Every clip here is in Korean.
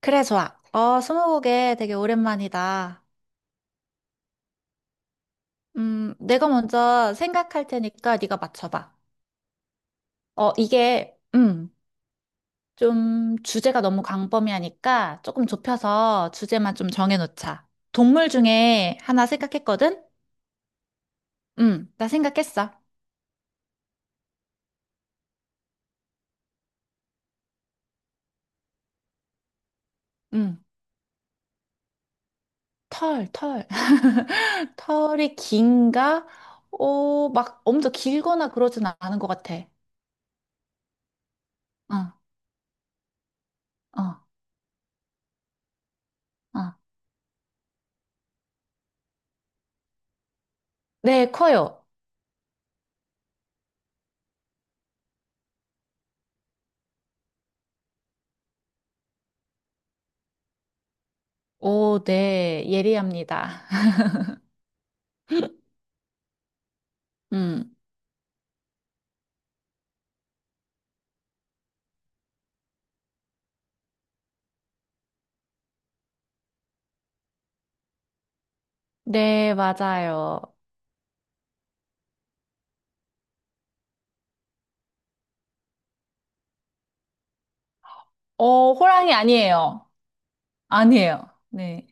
그래, 좋아. 스무고개 되게 오랜만이다. 내가 먼저 생각할 테니까 네가 맞춰봐. 어, 이게, 음, 좀 주제가 너무 광범위하니까 조금 좁혀서 주제만 좀 정해놓자. 동물 중에 하나 생각했거든? 나 생각했어. 음, 털. 털이 긴가? 막 엄청 길거나 그러진 않은 것 같아. 어, 어, 어. 네, 커요. 오, 네, 예리합니다. 음. 네, 맞아요. 호랑이 아니에요. 아니에요. 네.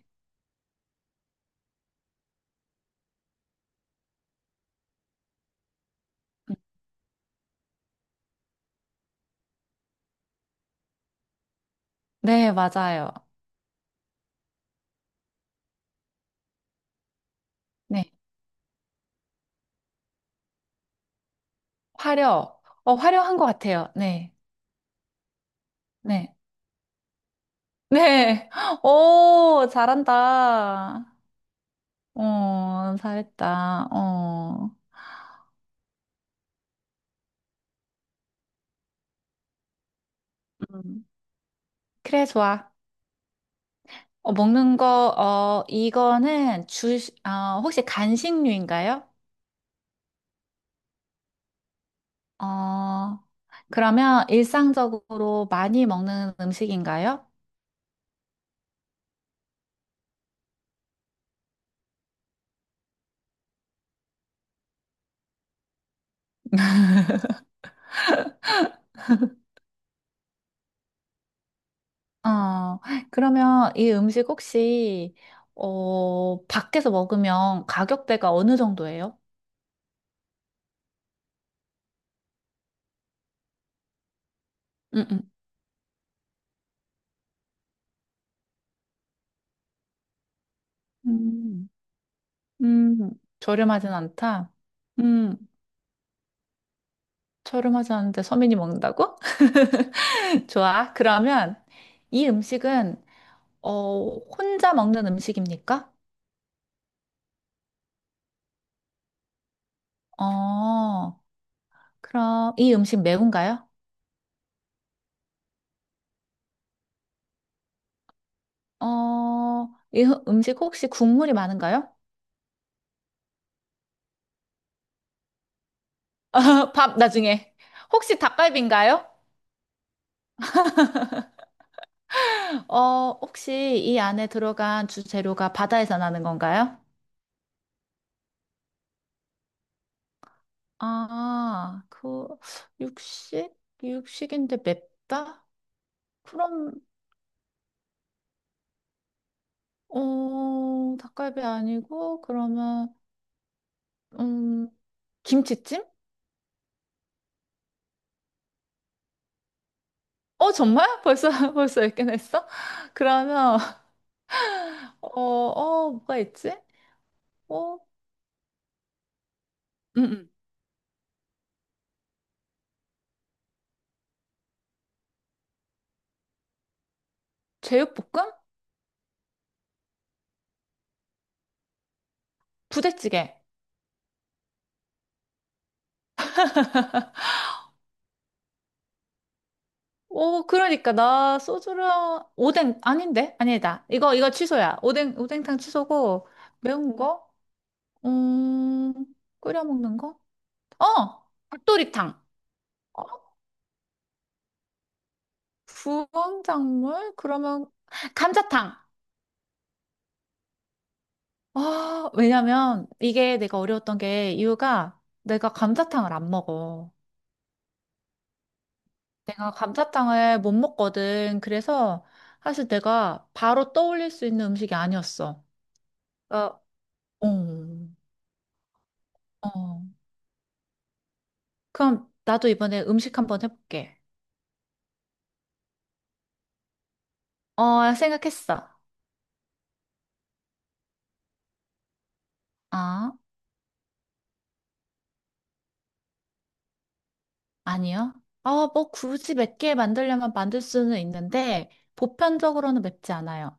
네, 맞아요. 네. 화려한 것 같아요. 네. 네. 네. 오, 잘한다. 잘했다. 어. 음. 그래, 좋아. 먹는 거, 어, 이거는 주, 혹시 간식류인가요? 어, 그러면 일상적으로 많이 먹는 음식인가요? 어, 그러면 이 음식 혹시, 밖에서 먹으면 가격대가 어느 정도예요? 음, 음. 음, 음, 저렴하진 않다. 음, 저렴하지 않은데 서민이 먹는다고? 좋아. 그러면 이 음식은, 혼자 먹는 음식입니까? 어, 그럼 이 음식 매운가요? 이 음식 혹시 국물이 많은가요? 밥 나중에. 혹시 닭갈비인가요? 혹시 이 안에 들어간 주재료가 바다에서 나는 건가요? 아, 그, 육식? 육식인데 맵다? 그럼, 닭갈비 아니고, 그러면, 음, 김치찜? 정말? 벌써, 벌써 읽긴 했어? 그러면, 뭐가 있지? 어, 음, 음. 제육볶음? 부대찌개. 오, 그러니까 나 소주랑 오뎅 아닌데? 아니다. 이거 취소야. 오뎅탕 취소고 매운 거? 음, 끓여 먹는 거? 어, 닭도리탕. 어, 부황작물? 그러면 감자탕. 아, 왜냐면 이게 내가 어려웠던 게 이유가 내가 감자탕을 안 먹어. 내가 감자탕을 못 먹거든. 그래서 사실 내가 바로 떠올릴 수 있는 음식이 아니었어. 어, 어. 어. 그럼 나도 이번에 음식 한번 해볼게. 생각했어. 아, 아니요. 뭐 굳이 맵게 만들려면 만들 수는 있는데, 보편적으로는 맵지 않아요.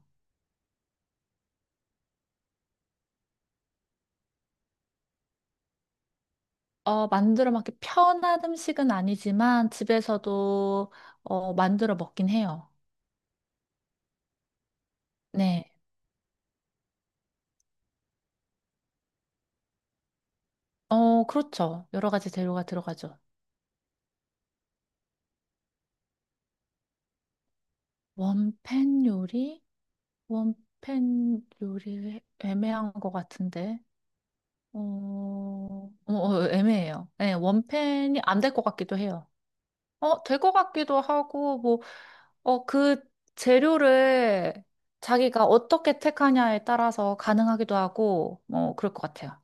만들어 먹기 편한 음식은 아니지만, 집에서도, 만들어 먹긴 해요. 네. 그렇죠. 여러 가지 재료가 들어가죠. 원팬 요리? 원팬 요리 애매한 것 같은데. 어, 애매해요. 예, 원팬이 안 될 것 같기도 해요. 될 것 같기도 하고, 뭐, 그 재료를 자기가 어떻게 택하냐에 따라서 가능하기도 하고, 뭐, 그럴 것 같아요.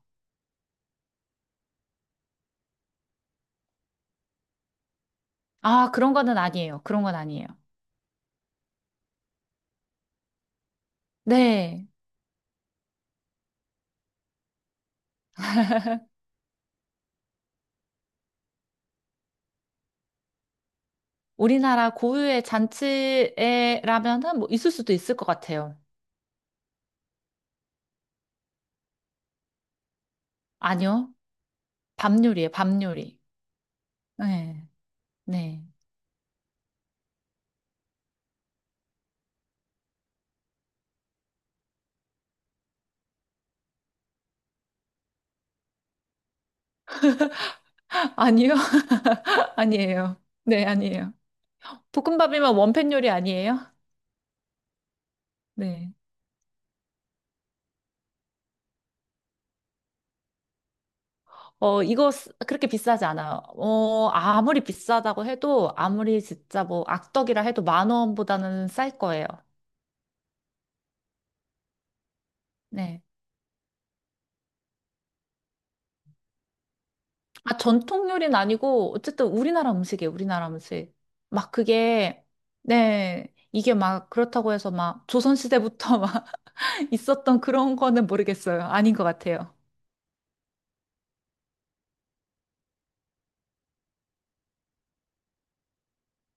아, 그런 거는 아니에요. 그런 건 아니에요. 네. 우리나라 고유의 잔치에라면은 뭐 있을 수도 있을 것 같아요. 아니요. 밤 요리예요, 밤 요리. 네. 네. 아니요. 아니에요. 네, 아니에요. 볶음밥이면 원팬 요리 아니에요? 네. 이거 그렇게 비싸지 않아요. 아무리 비싸다고 해도, 아무리 진짜 뭐 악덕이라 해도 만 원보다는 쌀 거예요. 네. 아, 전통 요리는 아니고, 어쨌든 우리나라 음식이에요, 우리나라 음식. 막 그게, 네. 이게 막 그렇다고 해서 막 조선시대부터 막 있었던 그런 거는 모르겠어요. 아닌 것 같아요.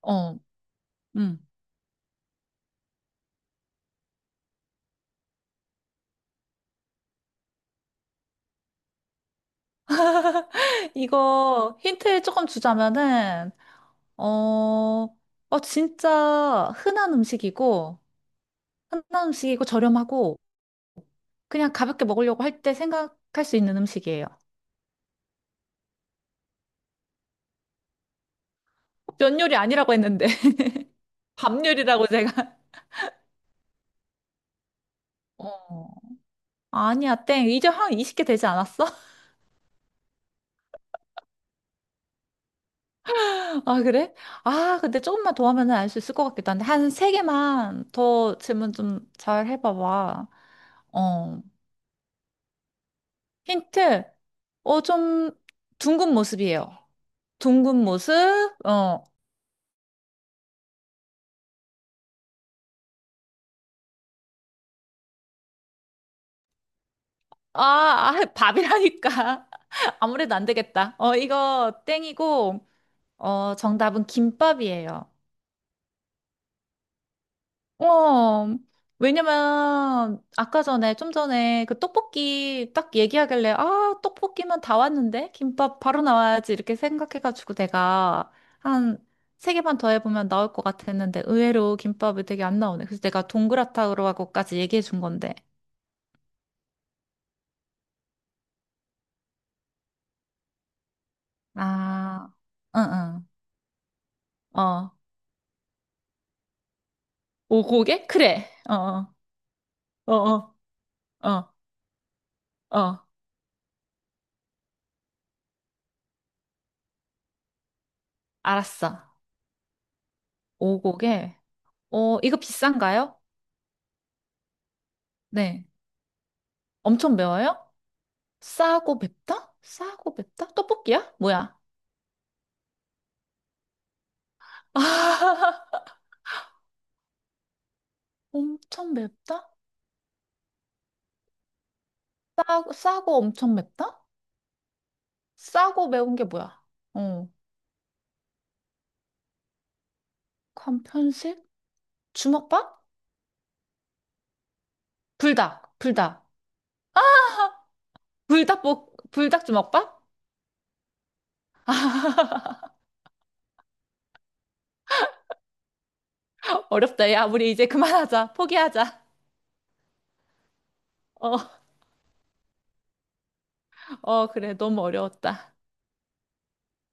어, 음. 이거 힌트 조금 주자면은, 어, 진짜 흔한 음식이고, 흔한 음식이고 저렴하고, 그냥 가볍게 먹으려고 할 때 생각할 수 있는 음식이에요. 면 요리 아니라고 했는데, 밥 요리라고 제가. 어, 아니야, 땡. 이제 한 20개 되지 않았어? 아, 그래? 아, 근데 조금만 더 하면 알 수 있을 것 같기도 한데, 한 세개만더 질문 좀 잘 해봐봐. 어, 힌트. 좀 둥근 모습이에요. 둥근 모습, 어, 아, 아, 밥이라니까. 아무래도 안 되겠다. 이거 땡이고, 정답은 김밥이에요. 어, 왜냐면, 아까 전에, 좀 전에 그 떡볶이 딱 얘기하길래, 아, 떡볶이만 다 왔는데? 김밥 바로 나와야지. 이렇게 생각해가지고 내가 한 세 개만 더 해보면 나올 것 같았는데, 의외로 김밥이 되게 안 나오네. 그래서 내가 동그랗다고 하고까지 얘기해 준 건데. 아, 응, 응. 어. 오, 고개? 그래. 어. 어. 어, 어, 어, 어. 알았어. 오곡에, 이거 비싼가요? 네. 엄청 매워요? 싸고 맵다? 싸고 맵다? 떡볶이야? 뭐야? 엄청 맵다? 싸고 엄청 맵다? 싸고 매운 게 뭐야? 어, 건 편식? 주먹밥? 불닭, 불닭. 불닭 주먹밥? 어렵다. 야, 우리 이제 그만하자. 포기하자. 어, 그래. 너무 어려웠다.